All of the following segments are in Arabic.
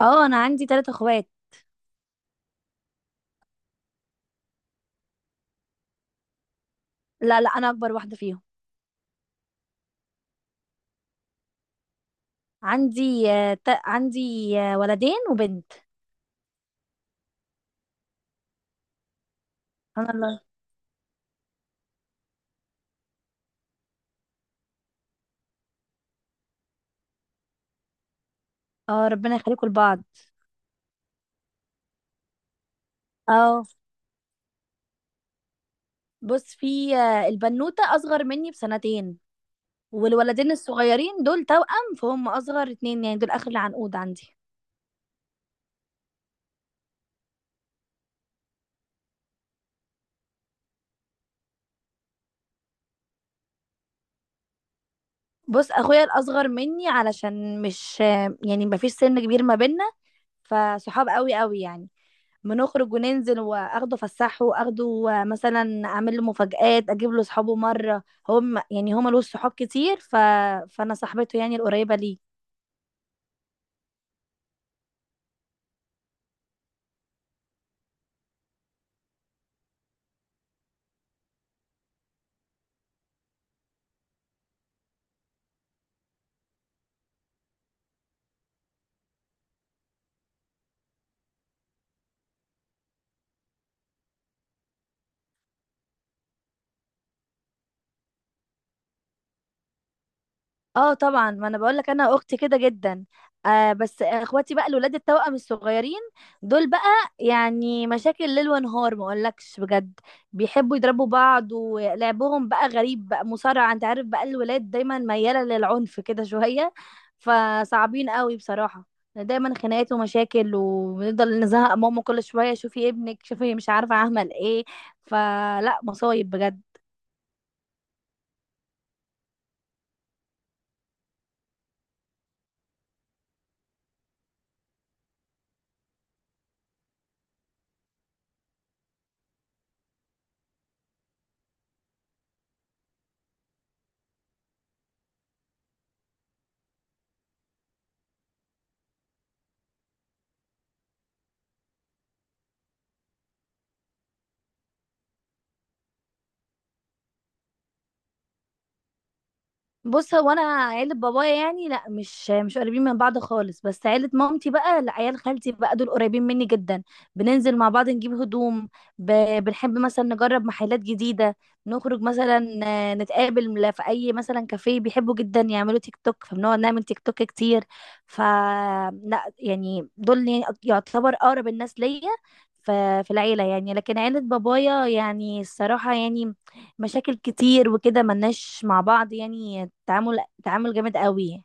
اه، انا عندي ثلاثة اخوات. لا، لا، انا اكبر واحدة فيهم. عندي ولدين وبنت. سبحان الله. اه، ربنا يخليكم لبعض. اه، بص، في البنوتة اصغر مني بسنتين، والولدين الصغيرين دول توأم، فهم اصغر اتنين، يعني دول اخر العنقود عندي. بص، اخويا الاصغر مني، علشان مش يعني مفيش سن كبير ما بينا، فصحاب قوي قوي يعني. بنخرج وننزل، واخده فسحه، واخده مثلا اعمل له مفاجآت، اجيب له صحابه مره. يعني هو ملوش صحاب كتير، فانا صاحبته يعني القريبه ليه. اه، طبعا ما انا بقول لك، انا اختي كده جدا. بس اخواتي بقى الولاد التوأم الصغيرين، دول بقى يعني مشاكل ليل ونهار، ما اقولكش بجد. بيحبوا يضربوا بعض، ولعبهم بقى غريب، بقى مصارعة، انت عارف بقى الولاد دايما ميالة للعنف كده شوية، فصعبين قوي بصراحة. دايما خناقات ومشاكل، وبنفضل نزهق ماما كل شوية، شوفي ابنك، شوفي مش عارفة اعمل ايه. فلا، مصايب بجد. بص، هو انا عيلة بابايا يعني لا، مش قريبين من بعض خالص، بس عيلة مامتي بقى لا، عيال خالتي بقى دول قريبين مني جدا. بننزل مع بعض نجيب هدوم، ب... بنحب مثلا نجرب محلات جديدة، نخرج مثلا نتقابل في اي مثلا كافيه، بيحبوا جدا يعملوا تيك توك، فبنقعد نعمل تيك توك كتير. ف لا يعني دول يعني يعتبر اقرب الناس ليا ف- في العيلة يعني. لكن عيلة بابايا يعني الصراحة يعني مشاكل كتير وكده، ملناش مع بعض يعني تعامل جامد قوي.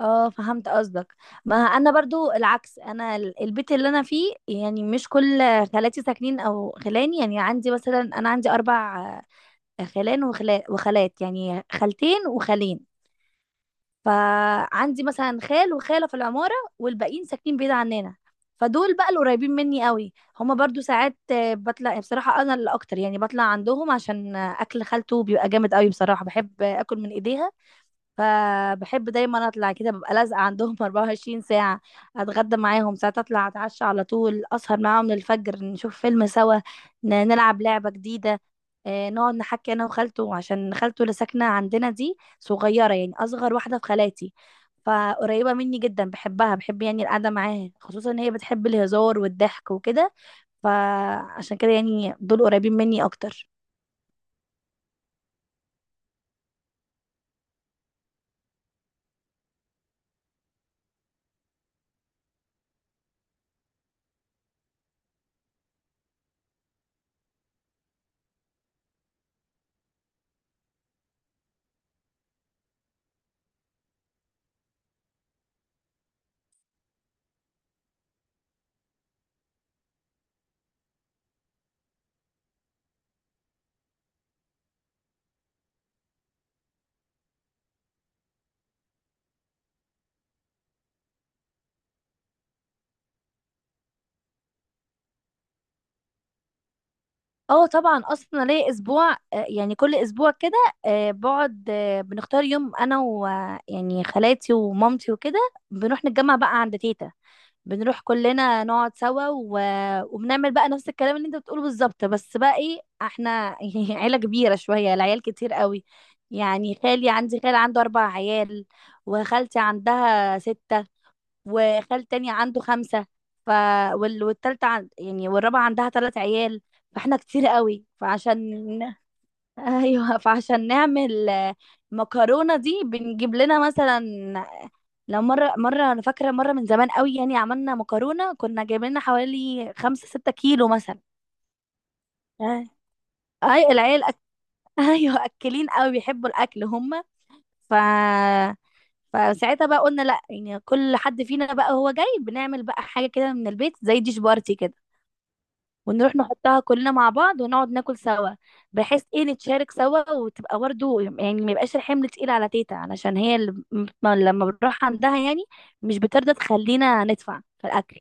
اه، فهمت قصدك. ما انا برضو العكس، انا البيت اللي انا فيه يعني مش كل خالاتي ساكنين او خلاني. يعني عندي مثلا، انا عندي اربع خلان وخالات، يعني خالتين وخالين. فعندي مثلا خال وخالة في العمارة، والباقيين ساكنين بعيد عننا، فدول بقى القريبين مني قوي. هما برضو ساعات بطلع، بصراحة انا اللي اكتر يعني بطلع عندهم عشان اكل خالته بيبقى جامد قوي بصراحة، بحب اكل من ايديها. فبحب دايما اطلع كده، ببقى لازقه عندهم 24 ساعه. اتغدى معاهم، ساعات اطلع اتعشى على طول، اسهر معاهم للفجر، نشوف فيلم سوا، نلعب لعبه جديده، نقعد نحكي انا وخالته، عشان خالته اللي ساكنه عندنا دي صغيره يعني اصغر واحده في خالاتي، فقريبه مني جدا، بحبها، بحب يعني القعده معاها، خصوصا ان هي بتحب الهزار والضحك وكده، فعشان كده يعني دول قريبين مني اكتر. اه، طبعا اصلا ليا اسبوع يعني كل اسبوع كده، بقعد، بنختار يوم انا و يعني خالاتي ومامتي وكده، بنروح نتجمع بقى عند تيتا، بنروح كلنا نقعد سوا وبنعمل بقى نفس الكلام اللي انت بتقوله بالظبط. بس بقى ايه احنا يعني عيلة كبيرة شوية، العيال كتير قوي. يعني خالي، عندي خال عنده اربع عيال، وخالتي عندها ستة، وخال تاني عنده خمسة. ف يعني والرابعة عندها تلات عيال، فاحنا كتير قوي. فعشان ايوه، فعشان نعمل مكرونة دي بنجيب لنا مثلا، لو مرة مرة، انا فاكرة مرة من زمان قوي يعني، عملنا مكرونة كنا جايبين لنا حوالي 5-6 كيلو مثلا. آه. اي العيال أك... ايوه، اكلين قوي بيحبوا الاكل هم. ف فساعتها بقى قلنا لا، يعني كل حد فينا بقى هو جاي بنعمل بقى حاجة كده من البيت، زي ديش بارتي كده، ونروح نحطها كلنا مع بعض، ونقعد ناكل سوا، بحيث ايه نتشارك سوا، وتبقى برضه يعني ما يبقاش الحمل تقيل على تيتا، علشان هي اللي لما بنروح عندها يعني مش بترضى تخلينا ندفع في الأكل.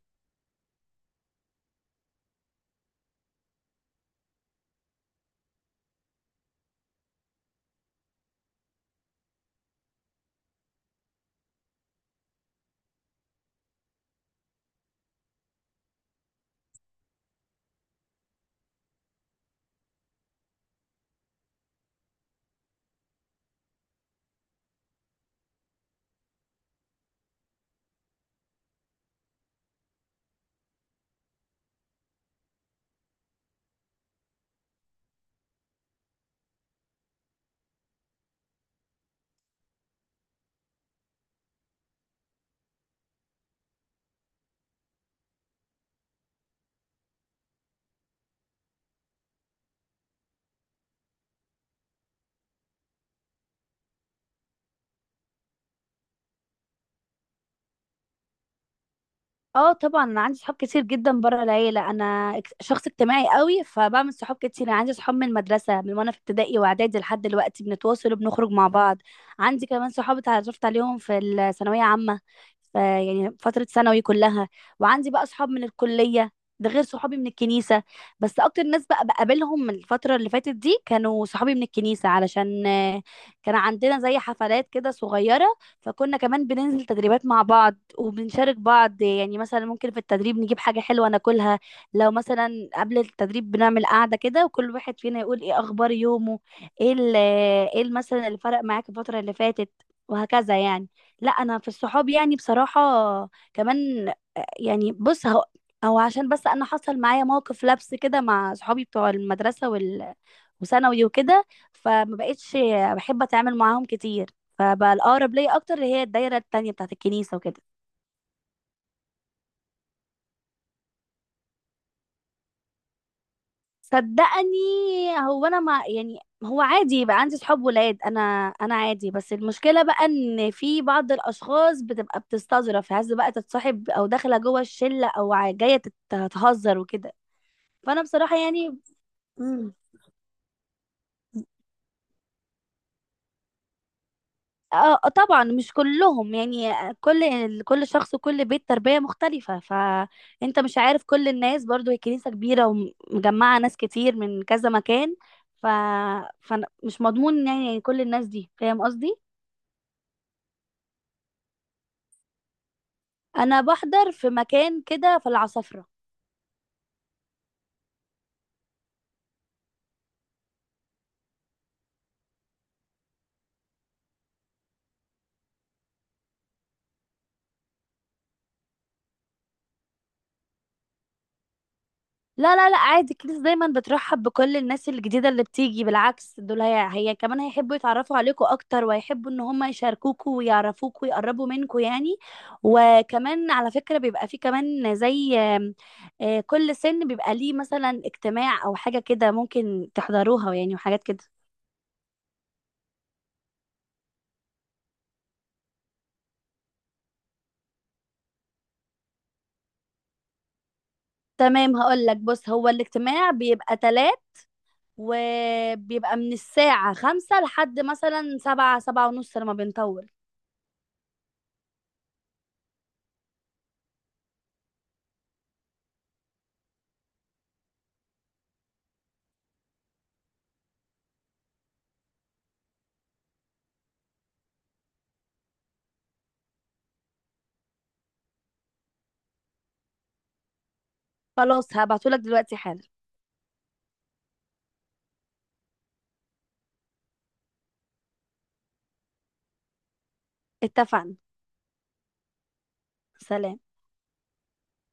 اه، طبعا انا عندي صحاب كتير جدا بره العيله، انا شخص اجتماعي قوي، فبعمل صحاب كتير. انا عندي صحاب من المدرسه، من وانا في ابتدائي واعدادي لحد دلوقتي بنتواصل وبنخرج مع بعض. عندي كمان صحاب اتعرفت عليهم في الثانويه عامه، يعني فتره ثانوي كلها، وعندي بقى صحاب من الكليه، ده غير صحابي من الكنيسه. بس اكتر ناس بقى بقابلهم من الفتره اللي فاتت دي كانوا صحابي من الكنيسه، علشان كان عندنا زي حفلات كده صغيره، فكنا كمان بننزل تدريبات مع بعض، وبنشارك بعض، يعني مثلا ممكن في التدريب نجيب حاجة حلوة ناكلها، لو مثلا قبل التدريب بنعمل قعدة كده، وكل واحد فينا يقول ايه اخبار يومه، مثلا اللي فرق معاك الفترة اللي فاتت، وهكذا يعني. لا، انا في الصحاب يعني بصراحة كمان يعني بص، هو او عشان بس انا حصل معايا موقف لبس كده مع صحابي بتوع المدرسة وثانوي وكده، فما بقتش بحب اتعامل معاهم كتير، فبقى الاقرب ليا اكتر اللي هي الدايره التانية بتاعت الكنيسه وكده. صدقني، هو انا ما يعني، هو عادي يبقى عندي صحاب ولاد، انا انا عادي، بس المشكله بقى ان في بعض الاشخاص بتبقى بتستظرف، عايزه بقى تتصاحب او داخله جوه الشله او تهزر وكده، فانا بصراحه يعني. مم. اه، طبعا مش كلهم يعني، كل كل شخص وكل بيت تربية مختلفة، فانت مش عارف كل الناس. برضو هي كنيسة كبيرة ومجمعة ناس كتير من كذا مكان، ف فمش مضمون يعني كل الناس دي، فاهم قصدي. انا بحضر في مكان كده في العصافرة. لا، لا، لا، عادي، الكنيسة دايما بترحب بكل الناس الجديدة اللي بتيجي، بالعكس دول هي كمان هيحبوا يتعرفوا عليكوا أكتر، ويحبوا إن هم يشاركوكوا ويعرفوكوا ويقربوا منكوا يعني. وكمان على فكرة بيبقى في كمان زي آم، آه، كل سن بيبقى ليه مثلا اجتماع أو حاجة كده ممكن تحضروها يعني، وحاجات كده. تمام، هقول لك. بص، هو الاجتماع بيبقى تلات، وبيبقى من الساعة خمسة لحد مثلا سبعة 7:30 لما بنطول. خلاص، هبعتهولك دلوقتي حالا. اتفقنا. سلام.